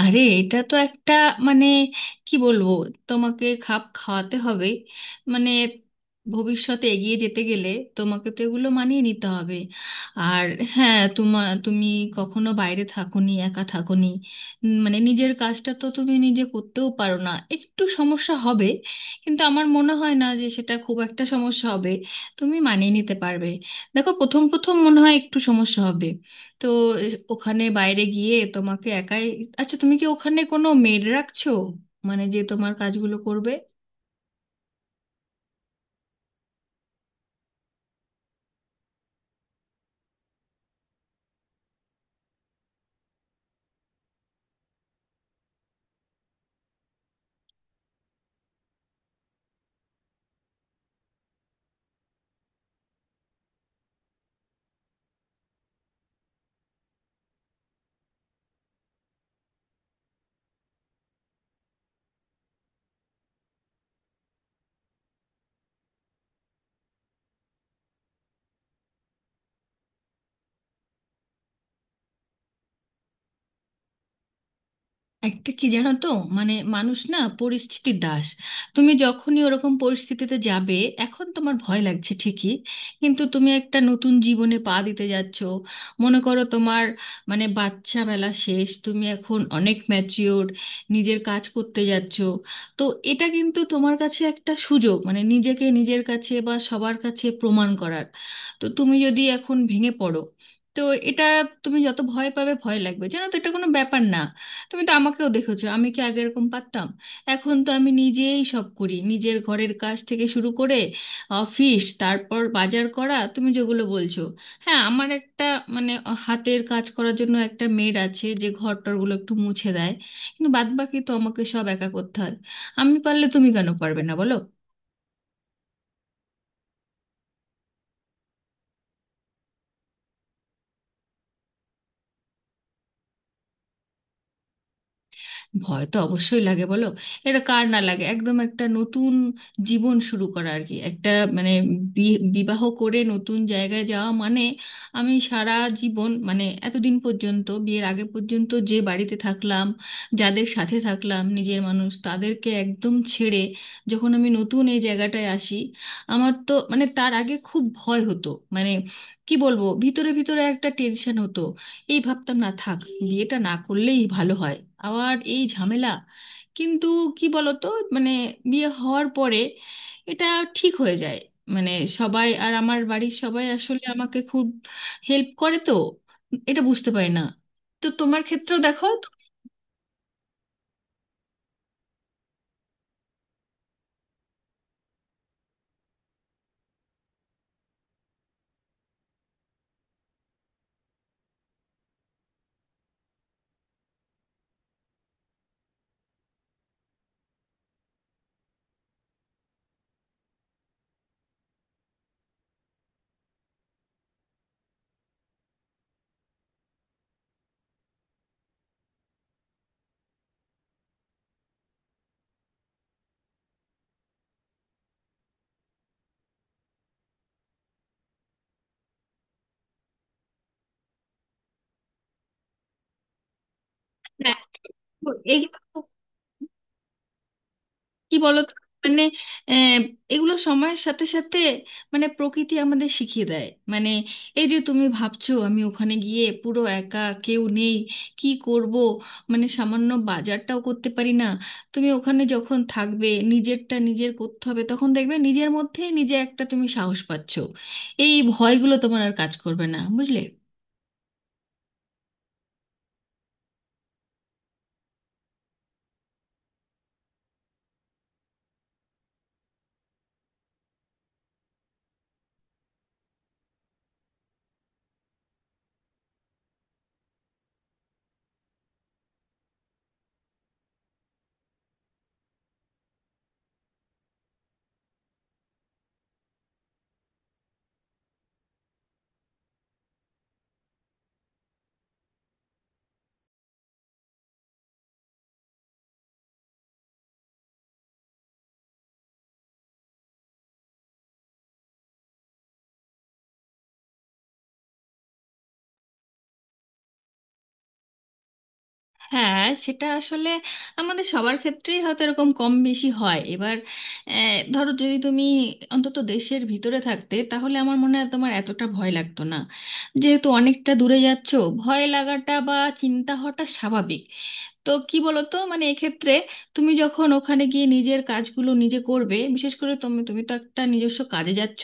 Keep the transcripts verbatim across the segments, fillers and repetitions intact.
আরে, এটা তো একটা, মানে কি বলবো, তোমাকে খাপ খাওয়াতে হবে। মানে ভবিষ্যতে এগিয়ে যেতে গেলে তোমাকে তো এগুলো মানিয়ে নিতে হবে। আর হ্যাঁ, তোমার তুমি কখনো বাইরে থাকোনি, একা থাকোনি। উম, মানে নিজের কাজটা তো তুমি নিজে করতেও পারো না, একটু সমস্যা হবে। কিন্তু আমার মনে হয় না যে সেটা খুব একটা সমস্যা হবে। তুমি মানিয়ে নিতে পারবে। দেখো প্রথম প্রথম মনে হয় একটু সমস্যা হবে। তো ওখানে বাইরে গিয়ে তোমাকে একাই। আচ্ছা তুমি কি ওখানে কোনো মেড রাখছো? মানে যে তোমার কাজগুলো করবে। একটা কি জানো তো, মানে মানুষ না পরিস্থিতির দাস। তুমি যখনই ওরকম পরিস্থিতিতে যাবে, এখন তোমার ভয় লাগছে ঠিকই, কিন্তু তুমি একটা নতুন জীবনে পা দিতে যাচ্ছ। মনে করো তোমার, মানে বাচ্চা বেলা শেষ, তুমি এখন অনেক ম্যাচিওর, নিজের কাজ করতে যাচ্ছ। তো এটা কিন্তু তোমার কাছে একটা সুযোগ, মানে নিজেকে নিজের কাছে বা সবার কাছে প্রমাণ করার। তো তুমি যদি এখন ভেঙে পড়ো, তো এটা, তুমি যত ভয় পাবে, ভয় লাগবে, জানো তো এটা কোনো ব্যাপার না। তুমি তো আমাকেও দেখেছো, আমি কি আগে এরকম পারতাম? এখন তো আমি নিজেই সব করি, নিজের ঘরের কাজ থেকে শুরু করে অফিস, তারপর বাজার করা, তুমি যেগুলো বলছো। হ্যাঁ, আমার একটা, মানে হাতের কাজ করার জন্য একটা মেড আছে যে ঘর টরগুলো একটু মুছে দেয়, কিন্তু বাদবাকি তো আমাকে সব একা করতে হয়। আমি পারলে তুমি কেন পারবে না, বলো? ভয় তো অবশ্যই লাগে, বলো। এটা কার না লাগে, একদম একটা নতুন জীবন শুরু করা আর কি, একটা মানে বি- বিবাহ করে নতুন জায়গায় যাওয়া মানে আমি সারা জীবন, মানে এতদিন পর্যন্ত, বিয়ের আগে পর্যন্ত যে বাড়িতে থাকলাম, যাদের সাথে থাকলাম, নিজের মানুষ তাদেরকে একদম ছেড়ে যখন আমি নতুন এই জায়গাটায় আসি, আমার তো, মানে তার আগে খুব ভয় হতো। মানে কি বলবো, ভিতরে ভিতরে একটা টেনশন হতো। এই ভাবতাম, না থাক, বিয়েটা না করলেই ভালো হয়, আবার এই ঝামেলা। কিন্তু কি বলতো, মানে বিয়ে হওয়ার পরে এটা ঠিক হয়ে যায়। মানে সবাই, আর আমার বাড়ির সবাই আসলে আমাকে খুব হেল্প করে তো, এটা বুঝতে পারি না। তো তোমার ক্ষেত্রেও দেখো। হ্যাঁ, তো এই কি বলতো, মানে আহ, এগুলো সময়ের সাথে সাথে, মানে প্রকৃতি আমাদের শিখিয়ে দেয়। মানে এই যে তুমি ভাবছো আমি ওখানে গিয়ে পুরো একা, কেউ নেই, কি করব, মানে সামান্য বাজারটাও করতে পারি না। তুমি ওখানে যখন থাকবে, নিজেরটা নিজের করতে হবে, তখন দেখবে নিজের মধ্যেই নিজে একটা তুমি সাহস পাচ্ছো। এই ভয়গুলো তোমার আর কাজ করবে না, বুঝলে। হ্যাঁ, সেটা আসলে আমাদের সবার ক্ষেত্রেই হয়তো এরকম কম বেশি হয়। এবার আহ, ধরো যদি তুমি অন্তত দেশের ভিতরে থাকতে তাহলে আমার মনে হয় তোমার এতটা ভয় লাগতো না, যেহেতু অনেকটা দূরে যাচ্ছো। ভয় লাগাটা বা চিন্তা হওয়াটা স্বাভাবিক। তো কি বলতো, মানে এক্ষেত্রে তুমি যখন ওখানে গিয়ে নিজের কাজগুলো নিজে করবে, বিশেষ করে তুমি তুমি তো একটা নিজস্ব কাজে যাচ্ছ,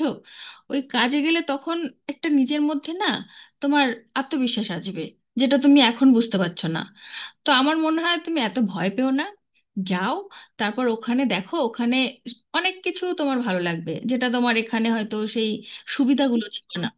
ওই কাজে গেলে তখন একটা নিজের মধ্যে না তোমার আত্মবিশ্বাস আসবে, যেটা তুমি এখন বুঝতে পারছো না। তো আমার মনে হয় তুমি এত ভয় পেও না, যাও। তারপর ওখানে দেখো, ওখানে অনেক কিছু তোমার ভালো লাগবে, যেটা তোমার এখানে হয়তো সেই সুবিধাগুলো ছিল না।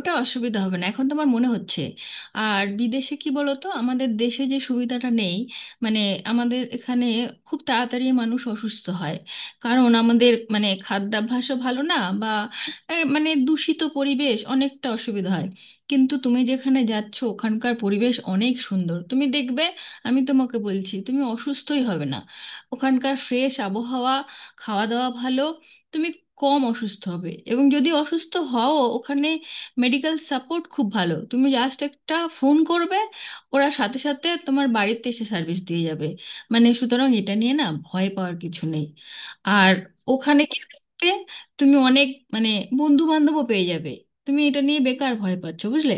ওটা অসুবিধা হবে না, এখন তোমার মনে হচ্ছে। আর বিদেশে কি বলতো, আমাদের দেশে যে সুবিধাটা নেই, মানে আমাদের এখানে খুব তাড়াতাড়ি মানুষ অসুস্থ হয়, কারণ আমাদের মানে খাদ্যাভ্যাসও ভালো না, বা এ, মানে দূষিত পরিবেশ অনেকটা অসুবিধা হয়। কিন্তু তুমি যেখানে যাচ্ছ ওখানকার পরিবেশ অনেক সুন্দর, তুমি দেখবে। আমি তোমাকে বলছি তুমি অসুস্থই হবে না। ওখানকার ফ্রেশ আবহাওয়া, খাওয়া দাওয়া ভালো, তুমি কম অসুস্থ হবে। এবং যদি অসুস্থ হও, ওখানে মেডিকেল সাপোর্ট খুব ভালো। তুমি জাস্ট একটা ফোন করবে, ওরা সাথে সাথে তোমার বাড়িতে এসে সার্ভিস দিয়ে যাবে। মানে সুতরাং এটা নিয়ে না ভয় পাওয়ার কিছু নেই। আর ওখানে গিয়ে দেখবে, তুমি অনেক, মানে বন্ধু বান্ধবও পেয়ে যাবে। তুমি এটা নিয়ে বেকার ভয় পাচ্ছো, বুঝলে।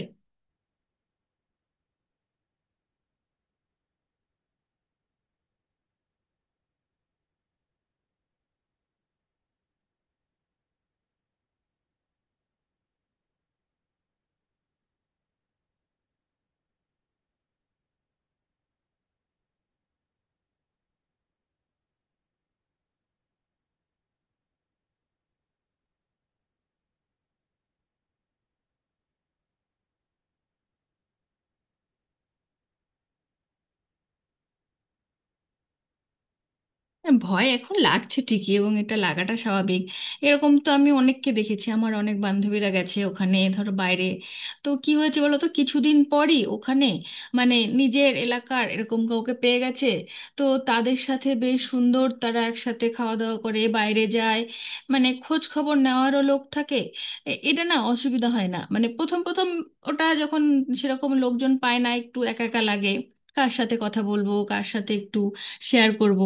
হ্যাঁ, ভয় এখন লাগছে ঠিকই এবং এটা লাগাটা স্বাভাবিক। এরকম তো আমি অনেককে দেখেছি, আমার অনেক বান্ধবীরা গেছে ওখানে, ধরো বাইরে। তো কি হয়েছে বলো তো, কিছুদিন পরই ওখানে, মানে নিজের এলাকার এরকম কাউকে পেয়ে গেছে। তো তাদের সাথে বেশ সুন্দর, তারা একসাথে খাওয়া দাওয়া করে, বাইরে যায়। মানে খোঁজ খবর নেওয়ারও লোক থাকে। এ- এটা না অসুবিধা হয় না, মানে প্রথম প্রথম ওটা যখন সেরকম লোকজন পায় না, একটু একা একা লাগে। কার সাথে কথা বলবো, কার সাথে একটু শেয়ার করব।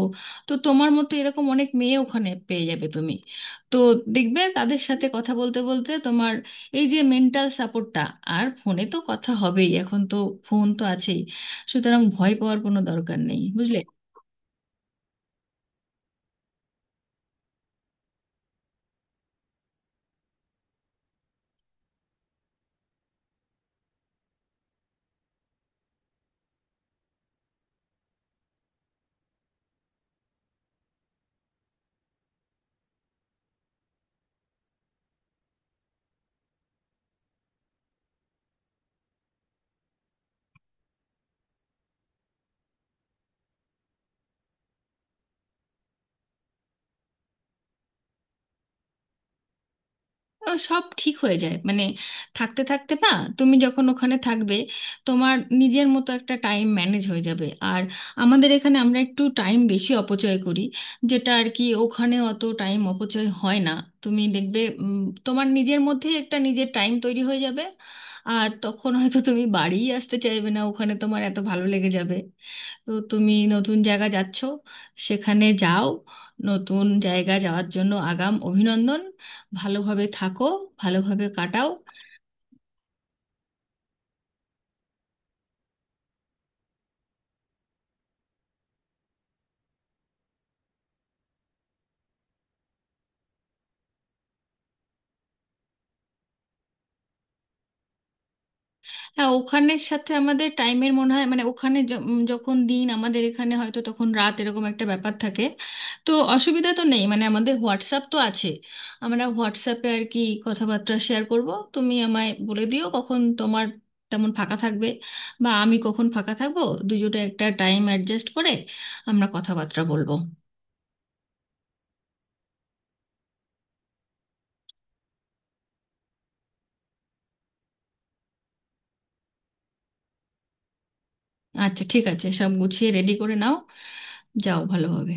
তো তোমার মতো এরকম অনেক মেয়ে ওখানে পেয়ে যাবে তুমি। তো দেখবে তাদের সাথে কথা বলতে বলতে তোমার এই যে মেন্টাল সাপোর্টটা, আর ফোনে তো কথা হবেই, এখন তো ফোন তো আছেই। সুতরাং ভয় পাওয়ার কোনো দরকার নেই, বুঝলে। ও সব ঠিক হয়ে যায়, মানে থাকতে থাকতে না, তুমি যখন ওখানে থাকবে তোমার নিজের মতো একটা টাইম ম্যানেজ হয়ে যাবে। আর আমাদের এখানে আমরা একটু টাইম বেশি অপচয় করি, যেটা আর কি ওখানে অত টাইম অপচয় হয় না। তুমি দেখবে উম, তোমার নিজের মধ্যেই একটা নিজের টাইম তৈরি হয়ে যাবে। আর তখন হয়তো তুমি বাড়িই আসতে চাইবে না, ওখানে তোমার এত ভালো লেগে যাবে। তো তুমি নতুন জায়গা যাচ্ছ, সেখানে যাও। নতুন জায়গা যাওয়ার জন্য আগাম অভিনন্দন। ভালোভাবে থাকো, ভালোভাবে কাটাও। হ্যাঁ, ওখানের সাথে আমাদের টাইমের মনে হয়, মানে ওখানে য- উম, যখন দিন, আমাদের এখানে হয়তো তখন রাত, এরকম একটা ব্যাপার থাকে। তো অসুবিধা তো নেই, মানে আমাদের হোয়াটসঅ্যাপ তো আছে। আমরা হোয়াটসঅ্যাপে আর কি কথাবার্তা শেয়ার করব। তুমি আমায় বলে দিও কখন তোমার তেমন ফাঁকা থাকবে, বা আমি কখন ফাঁকা থাকবো। দুজোটা একটা টাইম অ্যাডজাস্ট করে আমরা কথাবার্তা বলবো। আচ্ছা ঠিক আছে, সব গুছিয়ে রেডি করে নাও। যাও ভালোভাবে।